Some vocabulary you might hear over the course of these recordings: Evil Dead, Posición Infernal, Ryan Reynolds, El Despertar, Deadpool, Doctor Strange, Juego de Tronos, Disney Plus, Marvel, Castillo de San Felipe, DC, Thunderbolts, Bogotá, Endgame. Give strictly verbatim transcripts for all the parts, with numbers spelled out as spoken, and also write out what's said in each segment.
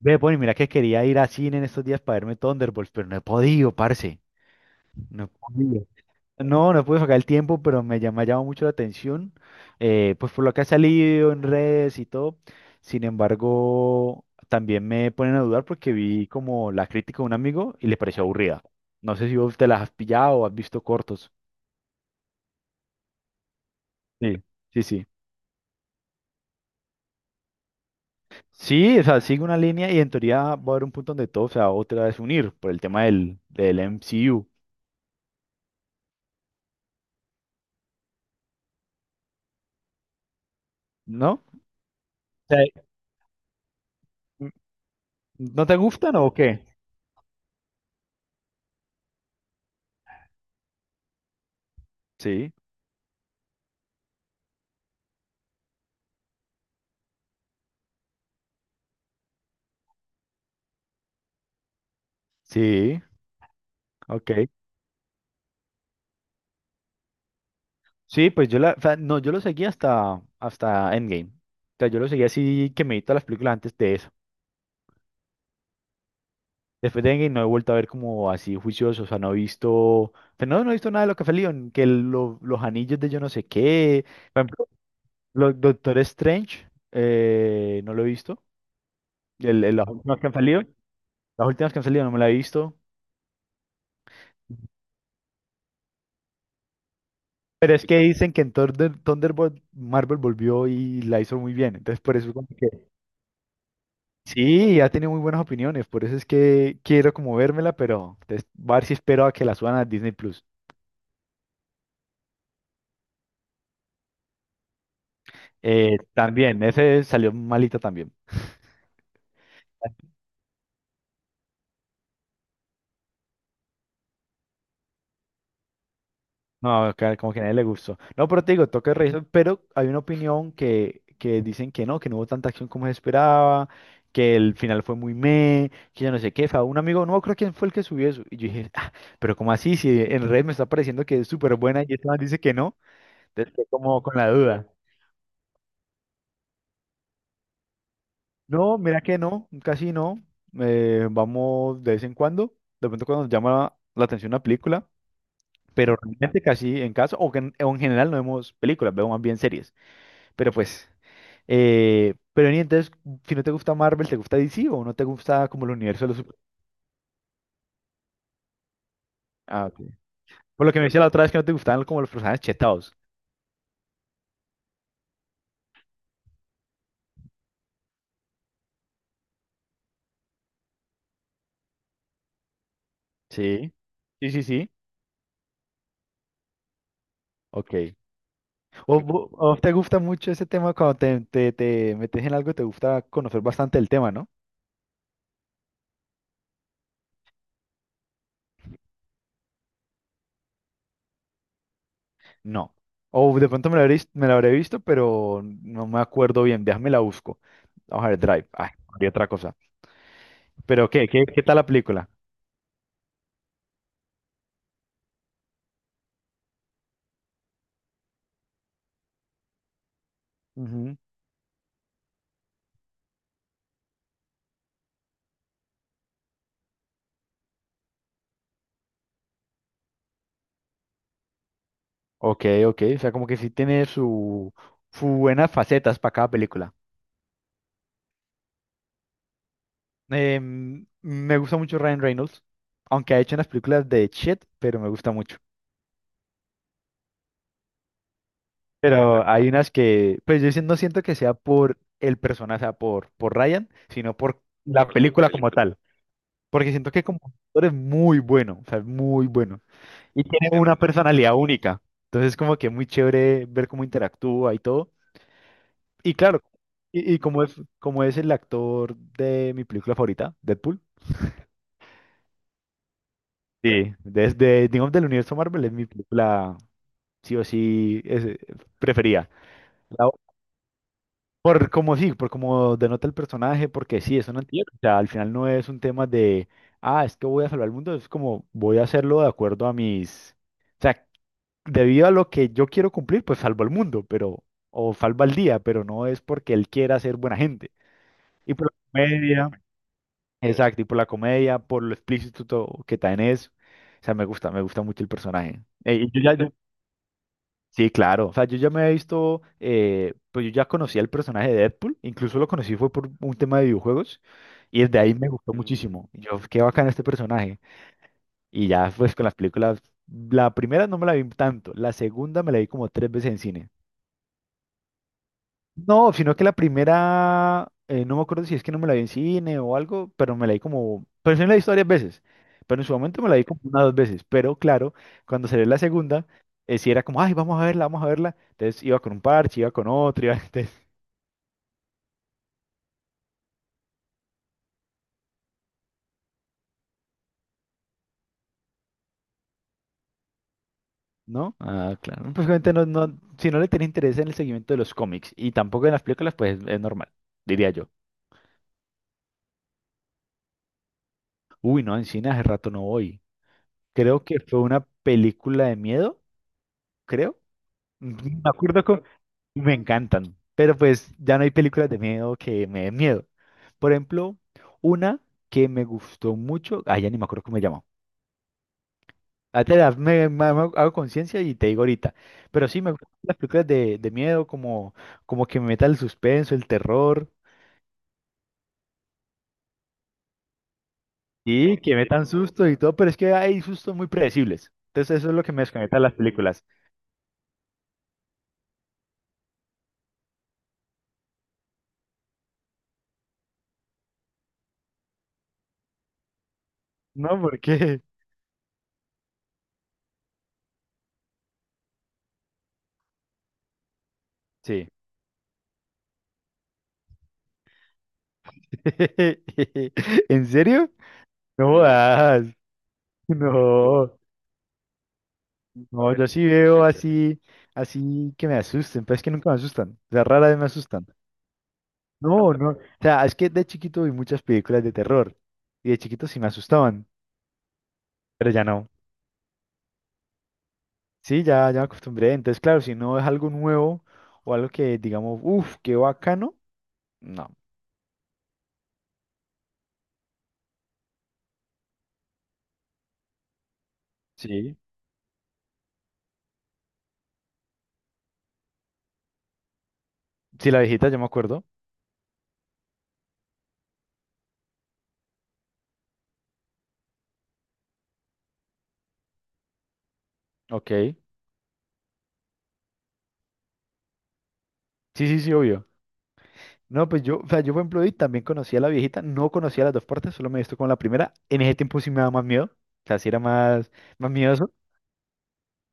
Ve, Bonnie, mira que quería ir a cine en estos días para verme Thunderbolts, pero no he podido, parce. No he podido. No, no pude sacar el tiempo, pero me, llama- me ha llamado mucho la atención. Eh, pues por lo que ha salido en redes y todo. Sin embargo, también me ponen a dudar porque vi como la crítica de un amigo y le pareció aburrida. No sé si vos te las has pillado o has visto cortos. Sí, sí, sí. Sí, o sea, sigue una línea y en teoría va a haber un punto donde todo se va otra vez a unir por el tema del, del M C U, ¿no? Sí. ¿No te gustan o qué? Sí, sí, ok. Sí, pues yo la, o sea, no, yo lo seguí hasta, hasta Endgame. O sea, yo lo seguí así que me vi todas las películas antes de eso. Después de Endgame no he vuelto a ver como así juicioso, o sea, no he visto, o sea, no, no he visto nada de lo que fue Leon, que lo- los anillos de yo no sé qué, por ejemplo, los Doctor Strange, eh, no lo he visto. El- el- las últimas que han salido, las últimas que han salido no me la he visto, pero es que dicen que en Thunder, Thunderbolt Marvel volvió y la hizo muy bien, entonces por eso como que sí, ha tenido muy buenas opiniones. Por eso es que quiero como vérmela, pero entonces voy a ver si espero a que la suban a Disney Plus. Eh, también, ese salió malita también. No, ca- como que a nadie le gustó. No, pero te digo, toca revisar, pero hay una opinión que, que dicen que no, que no hubo tanta acción como se esperaba, que el final fue muy meh, que yo no sé qué. Fue un amigo, no creo quién fue el que subió eso. Y yo dije, ah, ¿pero cómo así? Si en redes me está pareciendo que es súper buena y esta man dice que no, entonces estoy como con la duda. No, mira que no, casi no. Eh, vamos de vez en cuando, de pronto cuando nos llama la atención una película, pero realmente casi en casa, o, que en, o en general no vemos películas, vemos más bien series. Pero pues, eh, pero ni entonces, si no te gusta Marvel, ¿te gusta D C o no te gusta como el universo de los super- Ah, ok. Por lo que me decía la otra vez que no te gustaban como los personajes chetados. Sí, sí, sí, sí. Ok. ¿O, vo- o te gusta mucho ese tema cuando te, te, te metes en algo, te gusta conocer bastante el tema, ¿no? No. O de pronto me la habré, vis- me la habré visto, pero no me acuerdo bien. Déjame la busco. Vamos a ver, Drive. Ay, había otra cosa. Pero, ¿qué? ¿Qué, qué tal la película? Ujú. Ok, ok. O sea, como que sí tiene su, su buenas facetas para cada película. Em, me gusta mucho Ryan Reynolds, aunque ha hecho unas películas de shit, pero me gusta mucho. Pero hay unas que, pues yo sí no siento que sea por el personaje, o sea, por, por Ryan, sino por la película como tal. Porque siento que como actor es muy bueno, o sea, es muy bueno. Y tiene una personalidad única. Entonces, como que es muy chévere ver cómo interactúa y todo. Y claro, y, y como es, como es el actor de mi película favorita, Deadpool. Sí, desde, digamos, del universo Marvel es mi película, sí o sí, es, preferida. La- o- por como sí, por como denota el personaje, porque sí, es un antihéroe. O sea, al final no es un tema de, ah, es que voy a salvar el mundo, es como voy a hacerlo de acuerdo a mis... O sea, debido a lo que yo quiero cumplir, pues salvo al mundo, pero, o salvo al día, pero no es porque él quiera ser buena gente. Y por la comedia, exacto, y por la comedia, por lo explícito to- que también es, o sea, me gusta, me gusta mucho el personaje. Eh, y yo ya, yo- sí, claro, o sea, yo ya me he visto, eh, pues yo ya conocía el personaje de Deadpool, incluso lo conocí fue por un tema de videojuegos, y desde ahí me gustó Mm. muchísimo. Y yo, qué bacán este personaje. Y ya, pues con las películas, la primera no me la vi tanto, la segunda me la vi como tres veces en cine. No, sino que la primera, eh, no me acuerdo si es que no me la vi en cine o algo, pero me la vi como, pero sí me la he visto varias veces, pero en su momento me la vi como una o dos veces, pero claro, cuando se ve la segunda, eh, sí era como, ay, vamos a verla, vamos a verla, entonces iba con un parche, iba con otro, iba, entonces, ¿no? Ah, claro. Pues obviamente no, no, si no le tenés interés en el seguimiento de los cómics y tampoco en las películas, pues es normal, diría yo. Uy, no, en cine hace rato no voy. Creo que fue una película de miedo, creo. Me acuerdo con... Me encantan, pero pues ya no hay películas de miedo que me den miedo. Por ejemplo, una que me gustó mucho, ah, ya ni me acuerdo cómo se llama. Ahorita la- me, me- me hago conciencia y te digo ahorita. Pero sí, me gustan las películas de, de miedo, como, como que me metan el suspenso, el terror, y que metan susto y todo, pero es que hay sustos muy predecibles. Entonces eso es lo que me desconecta de las películas. No, ¿por qué? Sí. ¿En serio? No jodas. No. No, yo sí veo así, así que me asusten, pero es que nunca me asustan. O sea, rara vez me asustan. No, no. O sea, es que de chiquito vi muchas películas de terror y de chiquito sí me asustaban, pero ya no. Sí, ya, ya me acostumbré. Entonces, claro, si no es algo nuevo o algo que digamos, uff, qué bacano, no. Sí. Sí, la viejita, yo me acuerdo. Ok. Sí, sí, sí, obvio. No, pues yo, o sea, yo por ejemplo, y también conocía a la viejita, no conocía las dos partes, solo me he visto con la primera. En ese tiempo sí me daba más miedo, o sea, sí era más, más miedoso.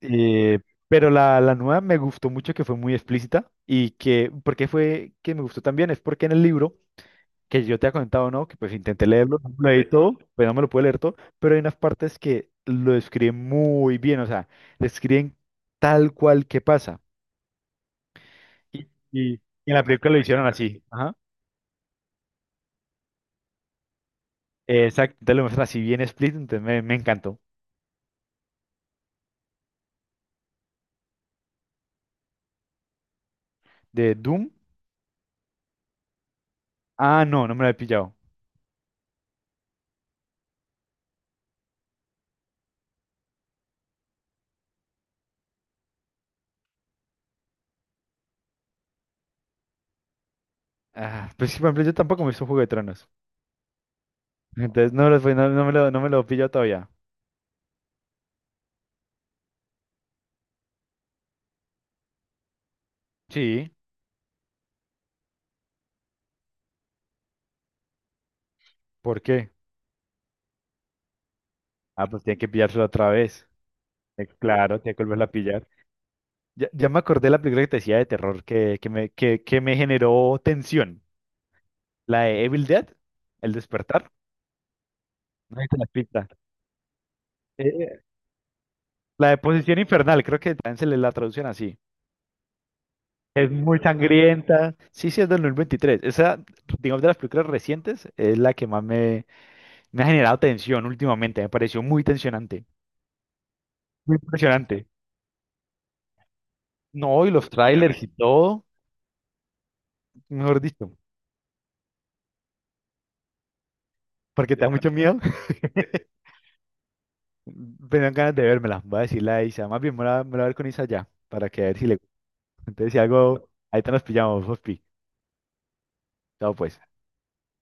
Eh, pero la, la nueva me gustó mucho que fue muy explícita y que, ¿por qué fue que me gustó también? Es porque en el libro, que yo te he comentado, ¿no? Que pues intenté leerlo, no me lo leí todo, pues no me lo pude leer todo, pero hay unas partes que lo describen muy bien, o sea, describen tal cual que pasa. Y, y- y en la película lo hicieron así. Ajá. Eh, Exacto, te lo muestran así bien explícito, entonces me, me encantó. De Doom, ah, no, no me lo he pillado. Ah, pues sí, por ejemplo, yo tampoco me hizo Juego de Tronos. Entonces no, me lo- no no me lo, no me lo he pillado todavía. Sí, ¿por qué? Ah, pues tiene que pillársela otra vez. Eh, claro, tiene que volverla a pillar. Ya, ya me acordé de la película que te decía de terror que, que me, que, que me generó tensión. La de Evil Dead, El Despertar. No sé si te la has visto. Eh, eh, la de Posición Infernal, creo que también se le la traducen así. Es muy sangrienta. Sí, sí, es del dos mil veintitrés. Esa, digamos, de las películas recientes, es la que más me, me ha generado tensión últimamente. Me pareció muy tensionante. Muy impresionante. No, y los trailers y todo, mejor dicho. Porque te da mucho miedo. Me dan ganas de vérmela. Voy a decirle a Isa. Más bien, me la, me la voy a ver con Isa ya, para que a ver si le gusta. Entonces, si algo, ahí te nos pillamos, Fospi. Chao, pues.